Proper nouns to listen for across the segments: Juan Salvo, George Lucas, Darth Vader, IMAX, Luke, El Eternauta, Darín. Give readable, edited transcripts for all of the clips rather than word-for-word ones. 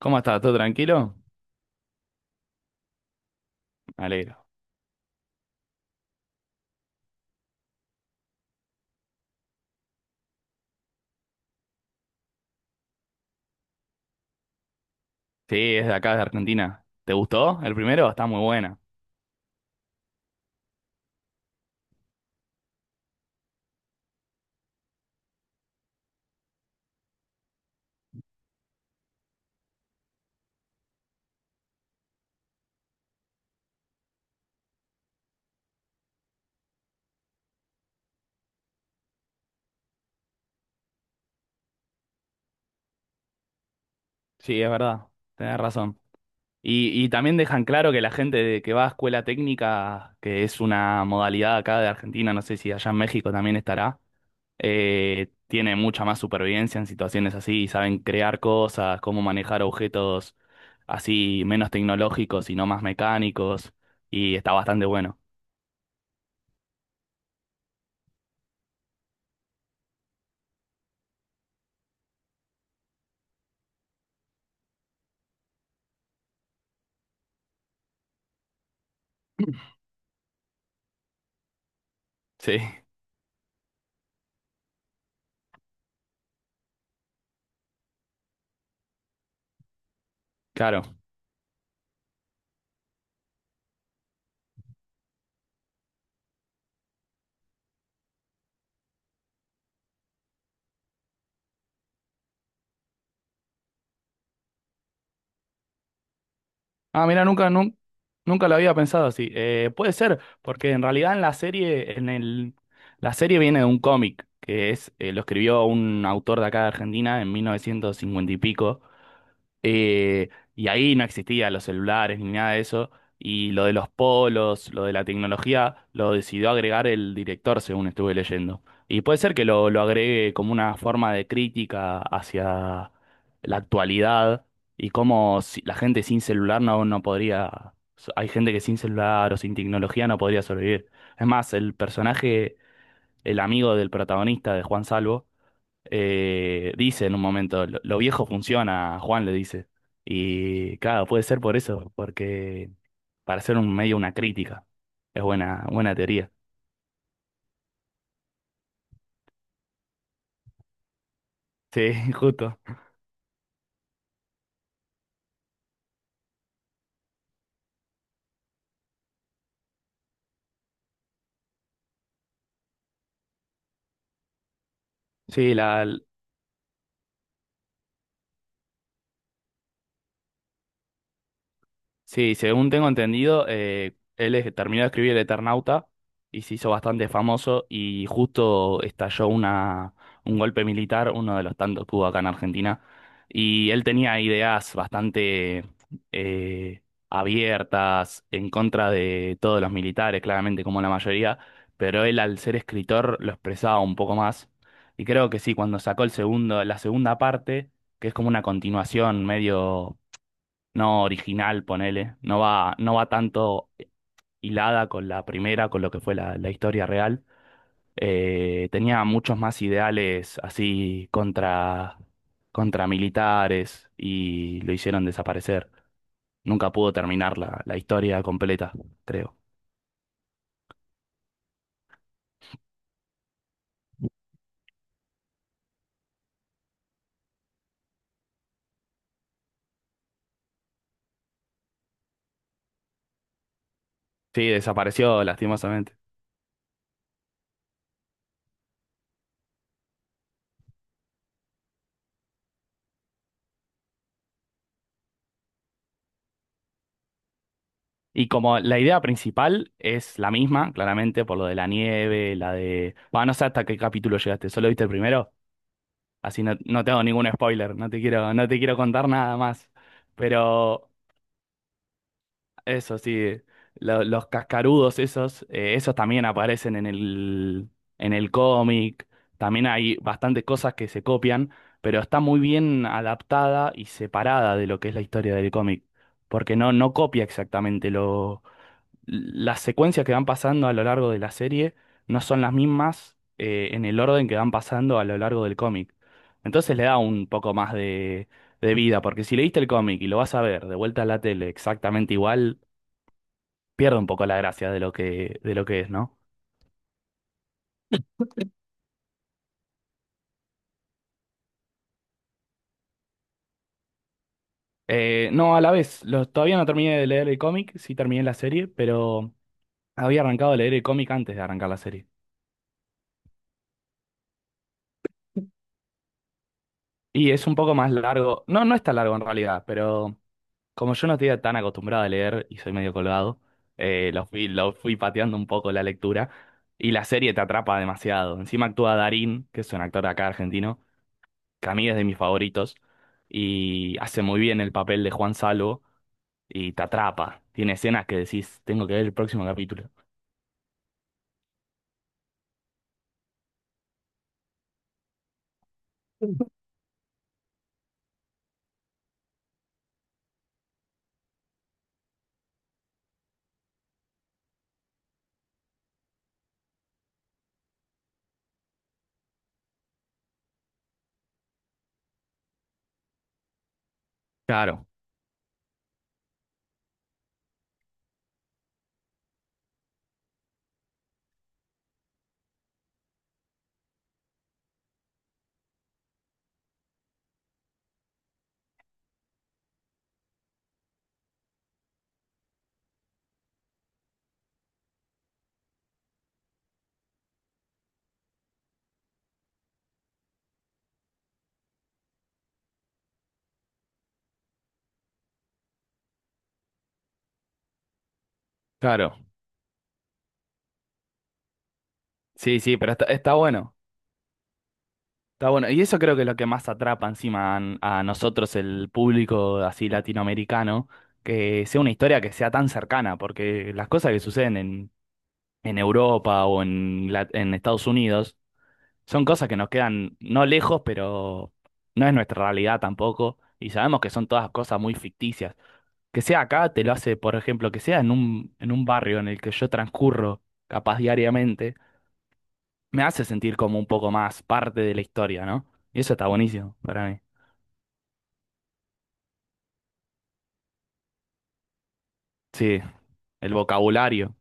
¿Cómo estás? ¿Todo tranquilo? Me alegro. Sí, es de acá, de Argentina. ¿Te gustó? El primero está muy buena. Sí, es verdad. Tenés razón. Y también dejan claro que la gente que va a escuela técnica, que es una modalidad acá de Argentina, no sé si allá en México también estará, tiene mucha más supervivencia en situaciones así, y saben crear cosas, cómo manejar objetos así menos tecnológicos y no más mecánicos, y está bastante bueno. Sí, claro. Ah, mira, nunca lo había pensado así. Puede ser, porque en realidad en la serie, en el, la serie viene de un cómic, lo escribió un autor de acá de Argentina en 1950 y pico, eh, y ahí no existían los celulares ni nada de eso. Y lo de los polos, lo de la tecnología, lo decidió agregar el director, según estuve leyendo. Y puede ser que lo agregue como una forma de crítica hacia la actualidad y cómo la gente sin celular no podría. Hay gente que sin celular o sin tecnología no podría sobrevivir. Es más, el personaje, el amigo del protagonista de Juan Salvo, dice en un momento, lo viejo funciona, Juan le dice. Y claro, puede ser por eso, porque para hacer un medio una crítica. Es buena, buena teoría. Sí, justo. Sí, la, Sí, según tengo entendido, él terminó de escribir El Eternauta y se hizo bastante famoso y justo estalló un golpe militar, uno de los tantos que hubo acá en Argentina. Y él tenía ideas bastante eh, abiertas en contra de todos los militares, claramente como la mayoría, pero él al ser escritor lo expresaba un poco más. Y creo que sí, cuando sacó la segunda parte, que es como una continuación medio no original, ponele, no va tanto hilada con la primera, con lo que fue la historia real. Tenía muchos más ideales así contra militares y lo hicieron desaparecer. Nunca pudo terminar la historia completa, creo. Sí, desapareció lastimosamente. Y como la idea principal es la misma, claramente, por lo de la nieve, la de... Bueno, no sé hasta qué capítulo llegaste, ¿solo viste el primero? Así no te hago ningún spoiler, no te quiero contar nada más. Pero eso sí, los cascarudos esos, esos también aparecen en el cómic. También hay bastantes cosas que se copian, pero está muy bien adaptada y separada de lo que es la historia del cómic. Porque no, no copia exactamente las secuencias que van pasando a lo largo de la serie no son las mismas en el orden que van pasando a lo largo del cómic. Entonces le da un poco más de vida, porque si leíste el cómic y lo vas a ver de vuelta a la tele exactamente igual, pierde un poco la gracia de lo que es, ¿no? No, a la vez, todavía no terminé de leer el cómic, sí terminé la serie, pero había arrancado a leer el cómic antes de arrancar la serie. Y es un poco más largo. No, no es tan largo en realidad, pero como yo no estoy tan acostumbrado a leer y soy medio colgado, lo fui pateando un poco la lectura y la serie te atrapa demasiado. Encima actúa Darín, que es un actor acá argentino, que a mí es de mis favoritos, y hace muy bien el papel de Juan Salvo y te atrapa. Tiene escenas que decís, tengo que ver el próximo capítulo. Claro, claro. Sí, sí, pero está bueno. Está bueno, y eso creo que es lo que más atrapa encima a nosotros, el público así latinoamericano, que sea una historia que sea tan cercana, porque las cosas que suceden en Europa o en Estados Unidos son cosas que nos quedan no lejos, pero no es nuestra realidad tampoco, y sabemos que son todas cosas muy ficticias. Que sea acá te lo hace, por ejemplo, que sea en un barrio en el que yo transcurro capaz diariamente, me hace sentir como un poco más parte de la historia, ¿no? Y eso está buenísimo para mí. Sí, el vocabulario.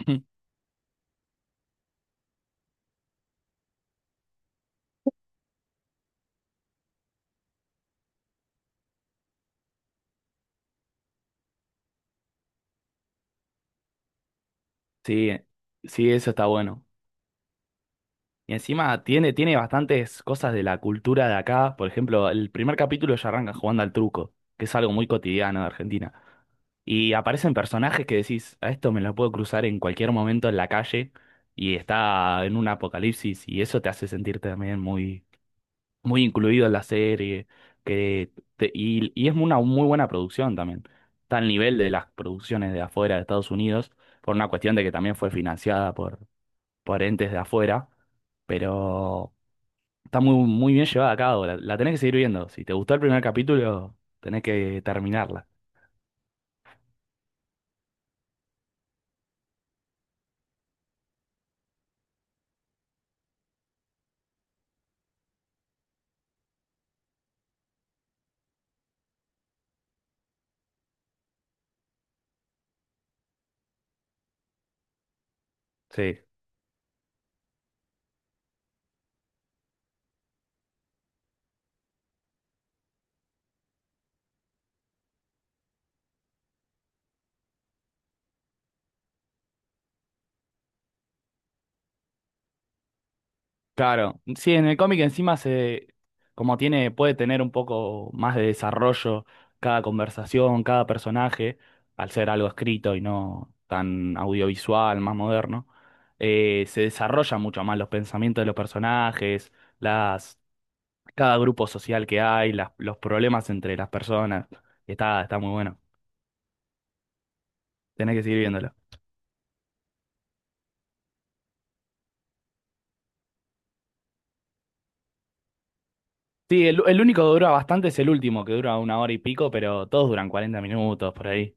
Sí, sí, eso está bueno. Y encima tiene, tiene bastantes cosas de la cultura de acá. Por ejemplo, el primer capítulo ya arranca jugando al truco, que es algo muy cotidiano de Argentina. Y aparecen personajes que decís, a esto me lo puedo cruzar en cualquier momento en la calle y está en un apocalipsis y eso te hace sentir también muy... muy incluido en la serie, que y es una muy buena producción también. Está al nivel de las producciones de afuera de Estados Unidos, por una cuestión de que también fue financiada por entes de afuera, pero está muy, muy bien llevada a cabo. La tenés que seguir viendo. Si te gustó el primer capítulo, tenés que terminarla. Sí. Claro, sí, en el cómic encima como tiene, puede tener un poco más de desarrollo cada conversación, cada personaje, al ser algo escrito y no tan audiovisual, más moderno, se desarrollan mucho más los pensamientos de los personajes, las, cada grupo social que hay, los problemas entre las personas. Está muy bueno. Tenés que seguir viéndolo. Sí, el único que dura bastante es el último, que dura una hora y pico, pero todos duran 40 minutos por ahí.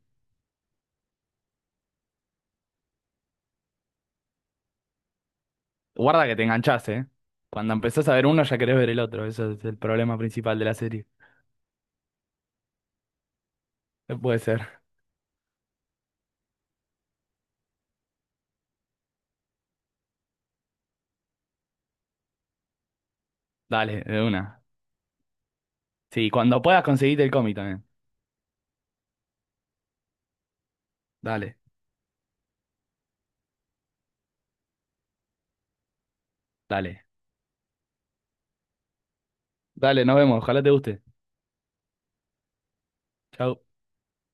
Guarda que te enganchás, ¿eh? Cuando empezás a ver uno ya querés ver el otro. Eso es el problema principal de la serie. Puede ser. Dale, de una. Sí, cuando puedas conseguirte el cómic también. Dale, dale. Dale, nos vemos. Ojalá te guste. Chau.